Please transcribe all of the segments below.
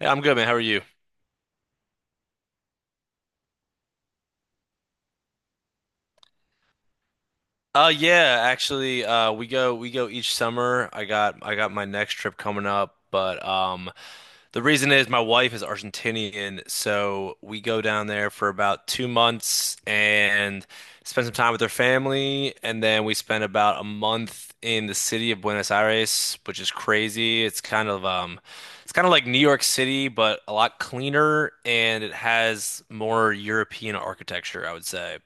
Hey, I'm good, man. How are you? Yeah, actually, we go each summer. I got my next trip coming up, but the reason is my wife is Argentinian, so we go down there for about two months and spend some time with her family, and then we spend about a month in the city of Buenos Aires, which is crazy. It's kind of like New York City, but a lot cleaner and it has more European architecture, I would say.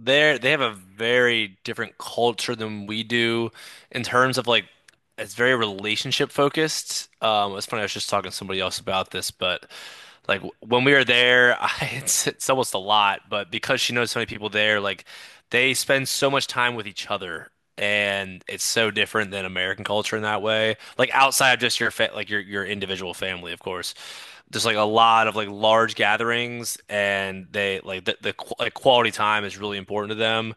They have a very different culture than we do in terms of like it's very relationship focused. It's funny, I was just talking to somebody else about this, but like when we were there, it's almost a lot, but because she knows so many people there, like they spend so much time with each other, and it's so different than American culture in that way. Like outside of just your fa like your individual family, of course there's like a lot of like large gatherings and they like the qu like quality time is really important to them,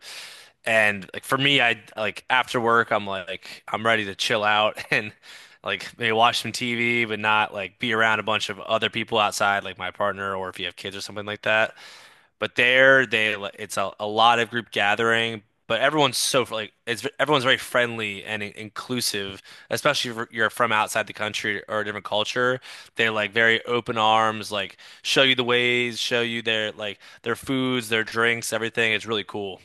and like for me I like after work I'm like I'm ready to chill out and like maybe watch some TV, but not like be around a bunch of other people outside like my partner or if you have kids or something like that. But they it's a lot of group gathering, but everyone's so like it's everyone's very friendly and inclusive, especially if you're from outside the country or a different culture. They're like very open arms, like show you the ways, show you their like their foods, their drinks, everything. It's really cool.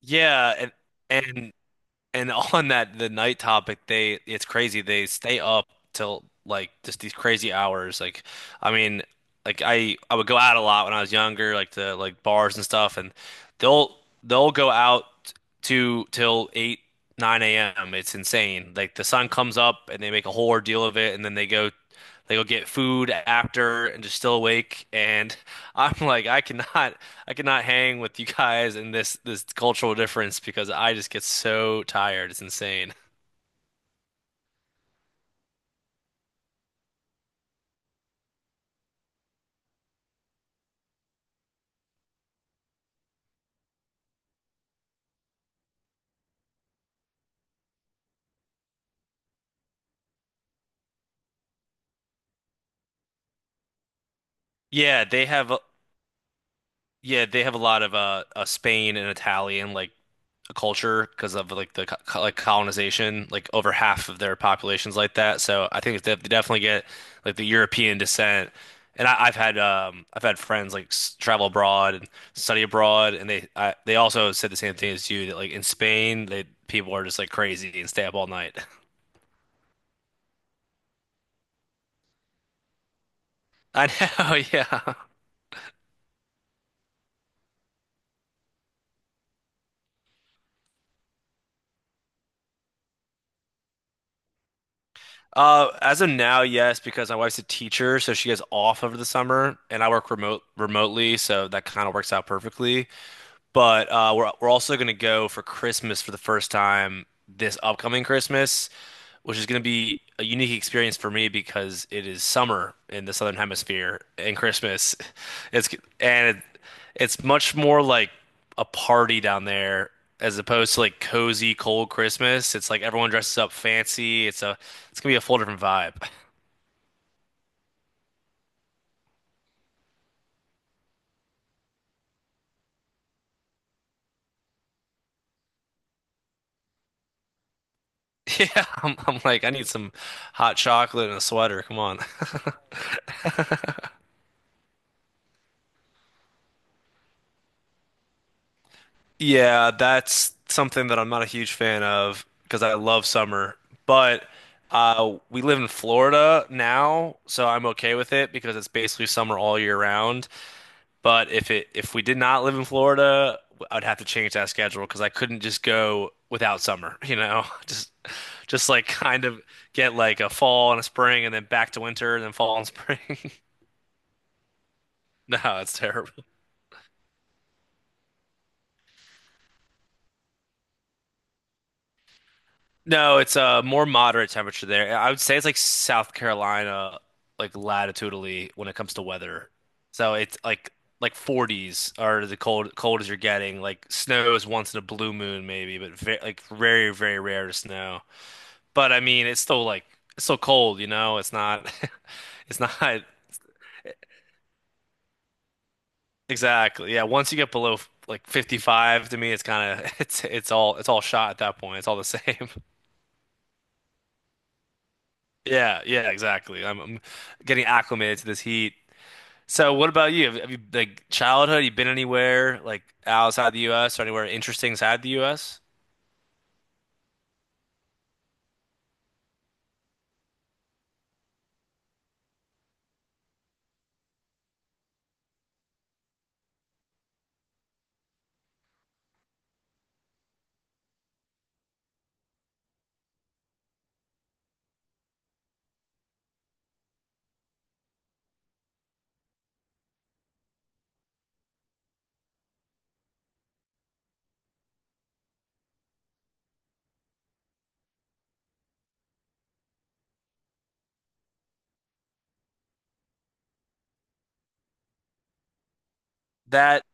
Yeah, and and And on that, the night topic, they it's crazy. They stay up till like just these crazy hours. Like, I mean, like I would go out a lot when I was younger, like to like bars and stuff, and they'll they'll go out to till eight, 9 a.m. It's insane. Like the sun comes up and they make a whole ordeal of it, and then they go get food after and just still awake. And I'm like, I cannot. I cannot hang with you guys in this cultural difference because I just get so tired. It's insane. Yeah, they have a, yeah, they have a lot of Spain and Italian like a culture because of like the like colonization, like over half of their population's like that. So I think they definitely get like the European descent. And I've had friends like travel abroad and study abroad, and they also said the same thing as you that like in Spain they people are just like crazy and stay up all night. I know, yeah. As of now, yes, because my wife's a teacher, so she is off over the summer, and I work remotely, so that kind of works out perfectly. But we're also gonna go for Christmas for the first time this upcoming Christmas, which is gonna be a unique experience for me because it is summer in the Southern Hemisphere and Christmas, it's and it, it's much more like a party down there as opposed to like cozy cold Christmas. It's like everyone dresses up fancy. It's gonna be a full different vibe. Yeah, I'm like I need some hot chocolate and a sweater. Come on. Yeah, that's something that I'm not a huge fan of because I love summer. But we live in Florida now, so I'm okay with it because it's basically summer all year round. But if we did not live in Florida, I'd have to change that schedule because I couldn't just go without summer, you know? Just like kind of get like a fall and a spring and then back to winter and then fall and spring. No, it's terrible. No, it's a more moderate temperature there. I would say it's like South Carolina, like latitudinally when it comes to weather. So it's like 40s are the cold as you're getting. Like snow is once in a blue moon maybe, but like very rare to snow. But I mean, it's still cold, you know? It's not it's not exactly. Yeah, once you get below like 55 to me, it's kind of it's all shot at that point. It's all the same. Yeah, exactly. I'm getting acclimated to this heat. So what about you? Have you like childhood? You been anywhere like outside the U.S. or anywhere interesting inside the U.S.? That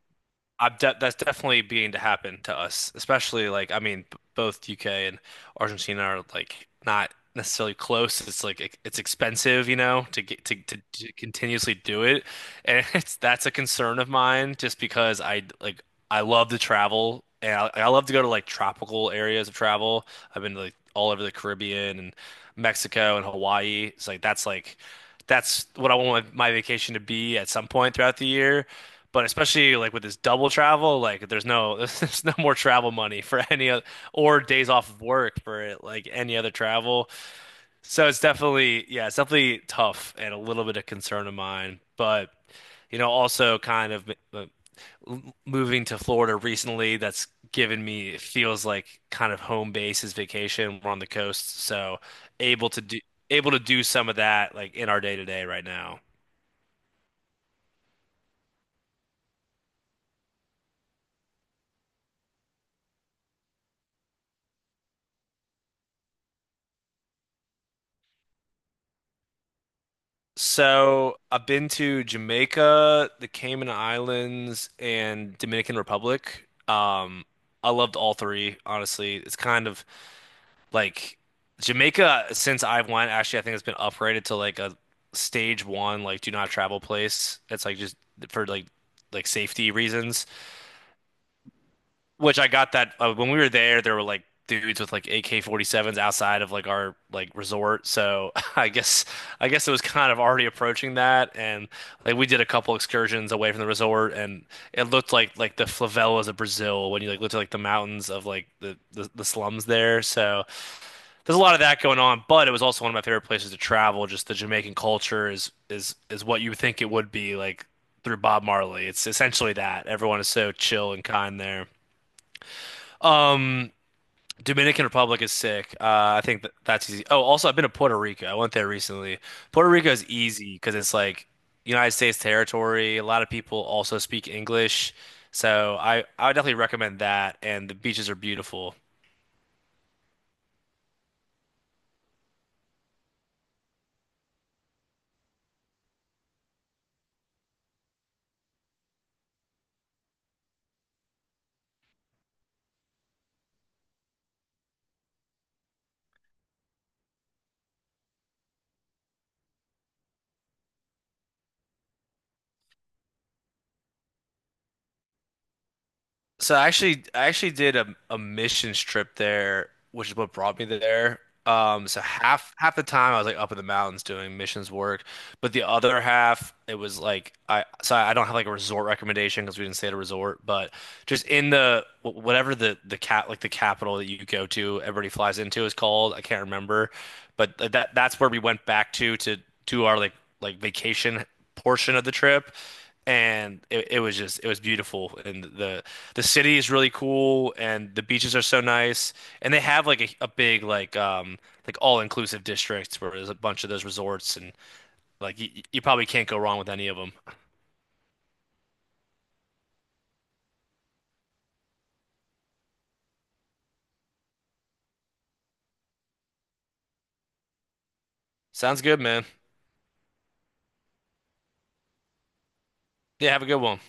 I've de That's definitely beginning to happen to us, especially like I mean, both UK and Argentina are like not necessarily close. It's like it's expensive, you know, to get to continuously do it, and it's that's a concern of mine just because I like I love to travel and I love to go to like tropical areas of travel. I've been to like all over the Caribbean and Mexico and Hawaii. It's like that's what I want my vacation to be at some point throughout the year. But especially like with this double travel, like there's no there's no more travel money for any other or days off of work for it, like any other travel. So it's definitely yeah, it's definitely tough and a little bit of concern of mine. But you know, also kind of moving to Florida recently, that's given me it feels like kind of home base is vacation. We're on the coast, so able to do able to do some of that like in our day to day right now. So I've been to Jamaica, the Cayman Islands, and Dominican Republic. I loved all three, honestly. It's kind of like Jamaica, since I went, actually, I think it's been upgraded to like a stage one, like do not travel place. It's like just for like safety reasons. Which I got that when we were there, there were like dudes with like AK-47s outside of like our like resort. So I guess it was kind of already approaching that, and like we did a couple excursions away from the resort, and it looked like the favelas of Brazil when you like looked at like the mountains of like the slums there. So there's a lot of that going on, but it was also one of my favorite places to travel. Just the Jamaican culture is is what you would think it would be like. Through Bob Marley. It's essentially that. Everyone is so chill and kind there. Um, Dominican Republic is sick. I think that's easy. Oh, also, I've been to Puerto Rico. I went there recently. Puerto Rico is easy because it's like United States territory. A lot of people also speak English, so I would definitely recommend that. And the beaches are beautiful. I actually did a missions trip there, which is what brought me there. So half the time I was like up in the mountains doing missions work, but the other half it was like I so I don't have like a resort recommendation because we didn't stay at a resort, but just in the whatever the cat like the capital that you go to everybody flies into is called I can't remember, but that's where we went back to do our like vacation portion of the trip, and it was just it was beautiful and the city is really cool and the beaches are so nice and they have like a big like all-inclusive districts where there's a bunch of those resorts, and like you probably can't go wrong with any of them. Sounds good, man. Yeah, have a good one.